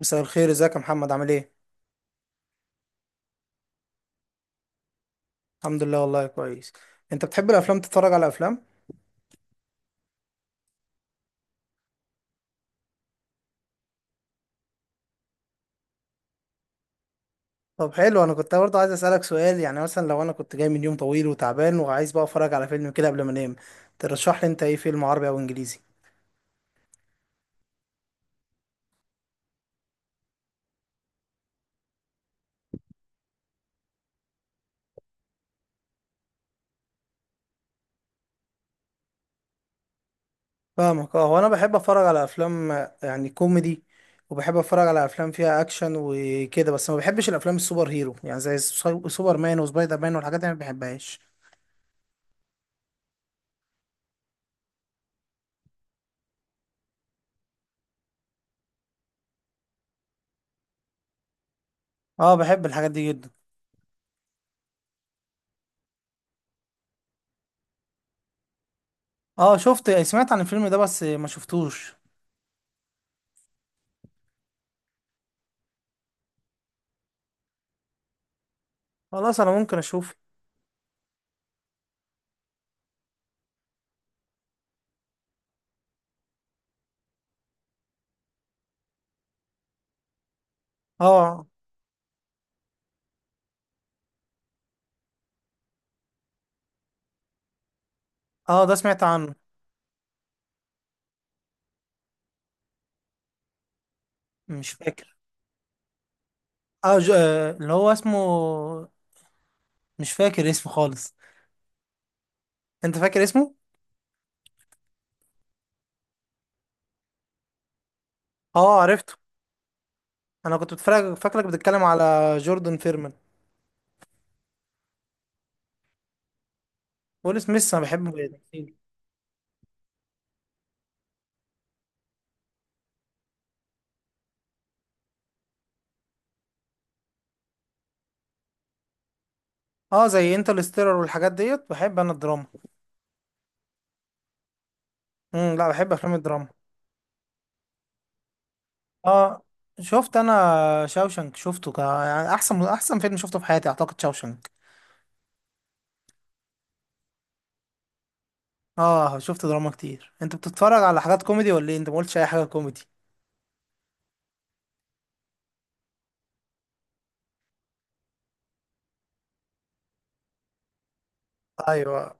مساء الخير، ازيك يا محمد؟ عامل ايه؟ الحمد لله، والله كويس. انت بتحب الافلام؟ تتفرج على افلام؟ طب حلو، انا كنت برضه عايز اسالك سؤال. يعني مثلا لو انا كنت جاي من يوم طويل وتعبان وعايز بقى اتفرج على فيلم كده قبل ما انام، ترشح لي انت ايه فيلم عربي او انجليزي؟ فاهمك. اه، هو انا بحب اتفرج على افلام، يعني كوميدي، وبحب اتفرج على افلام فيها اكشن وكده. بس ما بحبش الافلام السوبر هيرو، يعني زي سوبر مان وسبايدر مان والحاجات دي ما بحبهاش. اه، بحب الحاجات دي جدا. اه شفت، سمعت عن الفيلم ده بس ما شفتوش. خلاص، انا ممكن اشوف. اه، اه، ده سمعت عنه. مش فاكر. اه، ج... آه، اللي هو اسمه، مش فاكر اسمه خالص. انت فاكر اسمه؟ اه، عرفته. انا كنت بتفرج، فاكرك بتتكلم على جوردن فيرمان. ويل سميث، انا بحبه جدا. اه، زي انترستيلر والحاجات ديت، بحب انا الدراما. لا، بحب افلام الدراما. اه شفت. انا شاوشنك شفته، يعني احسن فيلم شفته في حياتي، اعتقد شاوشنك. اه شفت دراما كتير. انت بتتفرج على حاجات كوميدي ولا ايه؟ انت ما قلتش اي حاجه كوميدي. ايوه.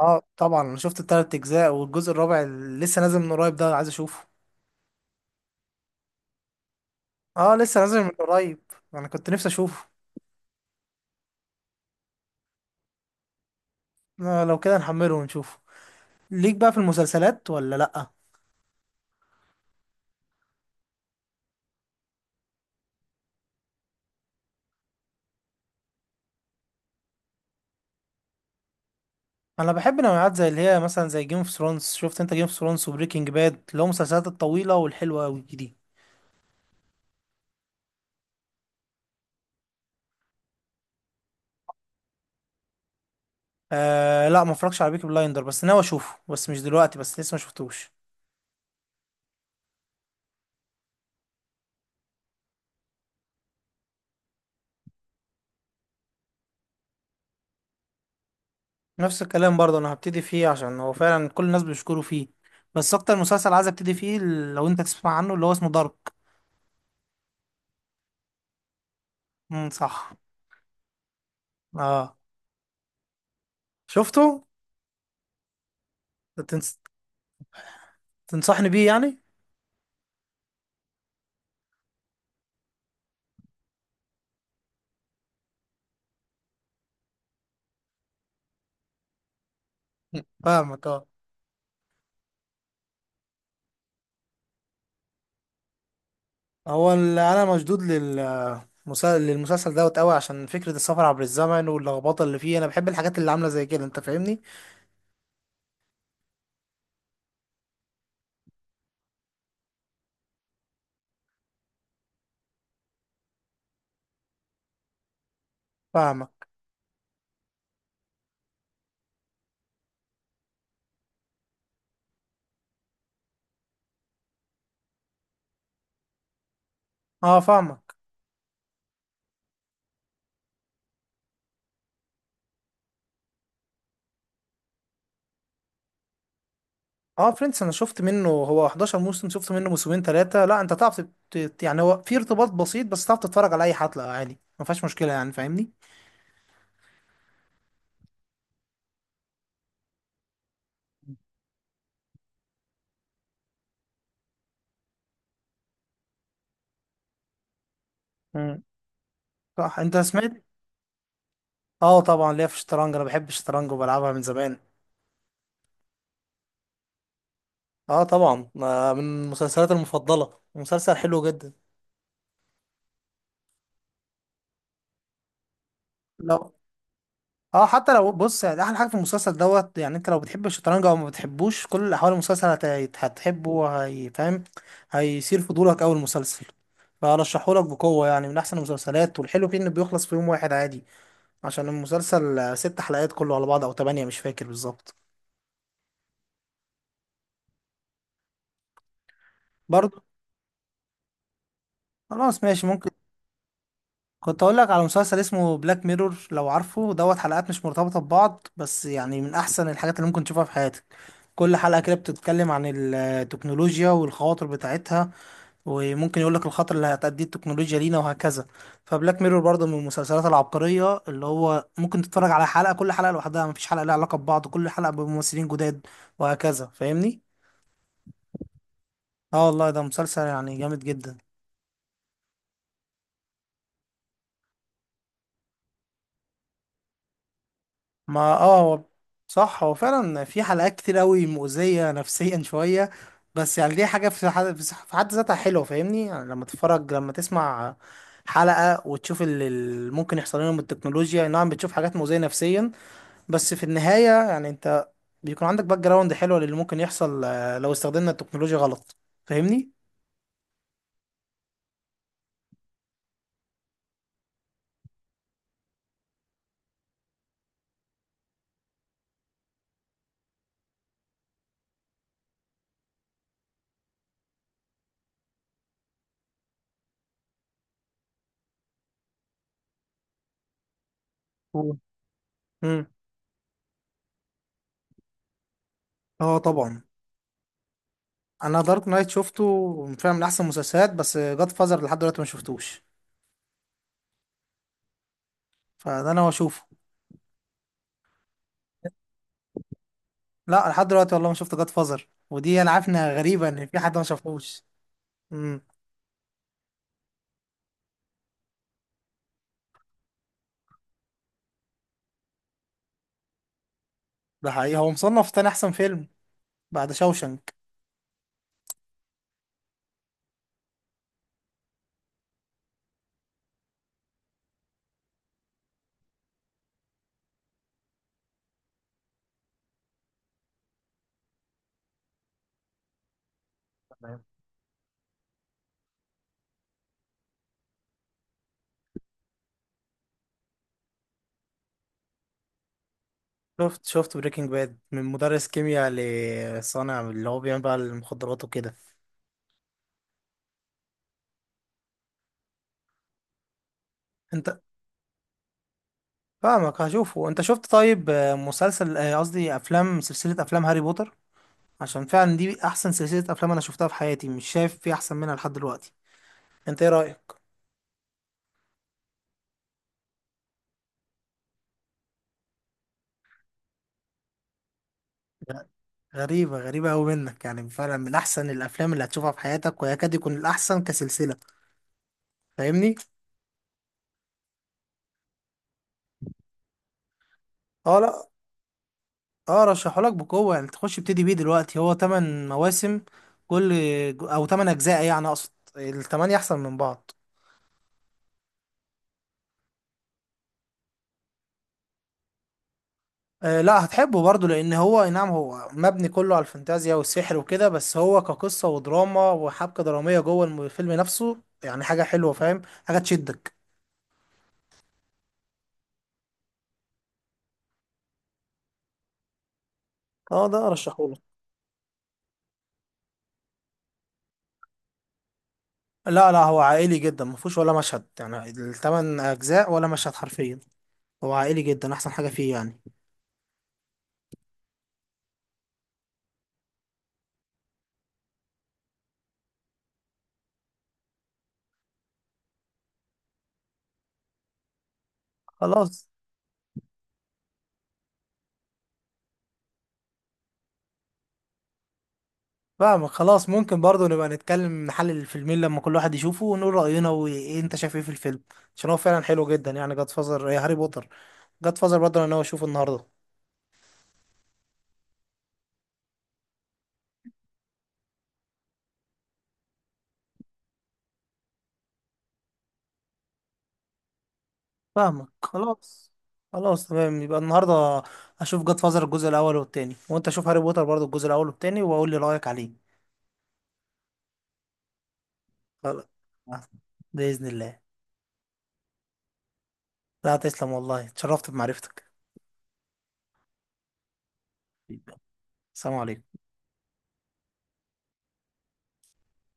اه طبعا، انا شفت التلات اجزاء والجزء الرابع اللي لسه نازل من قريب ده عايز اشوفه. اه، لسه نازل من قريب. انا كنت نفسي اشوفه. آه، لو كده نحمله ونشوفه. ليك بقى في المسلسلات ولا لأ؟ انا بحب نوعات زي اللي هي، مثلا زي جيم اوف ثرونز. شفت انت جيم اوف ثرونز وبريكنج باد؟ اللي هو المسلسلات الطويلة والحلوة قوي دي. آه لا، ما اتفرجش على بيكي بلايندر، بس ناوي اشوفه، بس مش دلوقتي، بس لسه ما شفتوش. نفس الكلام برضه، انا هبتدي فيه عشان هو فعلا كل الناس بيشكروا فيه. بس اكتر مسلسل عايز ابتدي فيه، لو انت تسمع عنه، اللي هو اسمه دارك. امم، صح. اه، شفته. تنس... تنصحني بيه يعني؟ فاهمك. اه. انا مشدود للمسلسل دوت قوي عشان فكرة السفر عبر الزمن واللخبطة اللي فيه، انا بحب الحاجات اللي عاملة زي كده. انت فاهمني؟ فاهمك. اه. فاهمك. اه، فريندز انا شفت منه، هو 11 موسم، شفت منه موسمين ثلاثة. لا، انت تعرف، يعني هو في ارتباط بسيط بس تعرف تتفرج على اي حلقة عادي، ما فيهاش مشكلة يعني. فاهمني؟ امم، صح. انت سمعت؟ اه طبعا، ليا في الشطرنج. انا بحب الشطرنج وبلعبها من زمان. اه طبعا، من مسلسلاتي المفضله، مسلسل حلو جدا. لو، اه، حتى لو، بص يعني احلى حاجه في المسلسل دوت، يعني انت لو بتحب الشطرنج او ما بتحبوش، كل الاحوال المسلسل هتحبه وهيفهم. هيثير فضولك اول المسلسل. فارشحهولك بقوه، يعني من احسن المسلسلات. والحلو فيه انه بيخلص في يوم واحد عادي، عشان المسلسل ست حلقات كله على بعض او تمانية، مش فاكر بالظبط. برضه. خلاص، ماشي، ممكن. كنت اقول لك على مسلسل اسمه بلاك ميرور، لو عارفه. دوت حلقات مش مرتبطة ببعض، بس يعني من احسن الحاجات اللي ممكن تشوفها في حياتك. كل حلقة كده بتتكلم عن التكنولوجيا والخواطر بتاعتها. وممكن يقول لك الخطر اللي هتأديه التكنولوجيا لينا، وهكذا. فبلاك ميرور برضه من المسلسلات العبقرية، اللي هو ممكن تتفرج على حلقة، كل حلقة لوحدها، مفيش حلقة لها علاقة ببعض، كل حلقة بممثلين جداد، وهكذا. فاهمني؟ اه والله، ده مسلسل يعني جامد جدا. ما، اه، هو، صح. هو فعلا في حلقات كتير قوي مؤذية نفسيا شوية. بس يعني دي حاجة في حد ذاتها حلوة، فاهمني؟ يعني لما تسمع حلقة، وتشوف اللي ممكن يحصل لنا من التكنولوجيا، نعم، بتشوف حاجات مؤذية نفسيا. بس في النهاية يعني، انت بيكون عندك باك جراوند حلوة للي ممكن يحصل، لو استخدمنا التكنولوجيا غلط. فاهمني؟ مم. امم. اه طبعا. انا دارك نايت شفته فعلا من احسن المسلسلات، بس جاد فازر لحد دلوقتي ما شفتوش. فده انا هشوفه. لا، أنا لحد دلوقتي والله ما شفت جاد فازر، ودي انا عارف انها غريبه ان في حد ما شافوش. امم. ده حقيقي، هو مصنف تاني احسن فيلم بعد شوشنك. تمام. شفت بريكنج باد، من مدرس كيمياء لصانع اللي هو بيعمل بقى المخدرات وكده. انت، فاهمك، هشوفه. انت شفت طيب، مسلسل، قصدي، افلام، سلسله افلام هاري بوتر؟ عشان فعلا دي احسن سلسله افلام انا شفتها في حياتي، مش شايف في احسن منها لحد دلوقتي. انت ايه رايك؟ غريبة غريبة أوي منك، يعني فعلا من أحسن الأفلام اللي هتشوفها في حياتك ويكاد يكون الأحسن كسلسلة. فاهمني؟ أه، لأ. أه، رشحهولك بقوة يعني، تخش ابتدي بيه دلوقتي. هو تمن مواسم، كل، أو تمن أجزاء، يعني أقصد، التمانية أحسن من بعض. أه لأ، هتحبه برضه، لأن هو، أي نعم، هو مبني كله على الفانتازيا والسحر وكده. بس هو كقصة ودراما وحبكة درامية جوه الفيلم نفسه، يعني حاجة حلوة. فاهم؟ حاجة تشدك. أه ده أرشحهولك. لا، لا، هو عائلي جدا، ما فيهوش ولا مشهد يعني الثمان اجزاء، ولا مشهد حرفيا. هو عائلي جدا، احسن حاجه فيه يعني. خلاص. فاهمك، خلاص. ممكن برضو نبقى نتكلم نحلل الفيلمين لما كل واحد يشوفه ونقول راينا، وايه انت شايف ايه في الفيلم، عشان هو فعلا حلو جدا يعني. جاد فازر يا هاري بوتر، جاد فازر برضو انا ناوي اشوفه النهارده. فاهمك، خلاص. خلاص، تمام، يبقى النهارده اشوف جاد فازر الجزء الاول والتاني، وانت شوف هاري بوتر برضو الجزء الاول والتاني، واقول لي رايك عليه. خلاص، باذن الله. لا، تسلم والله، اتشرفت بمعرفتك. السلام عليكم.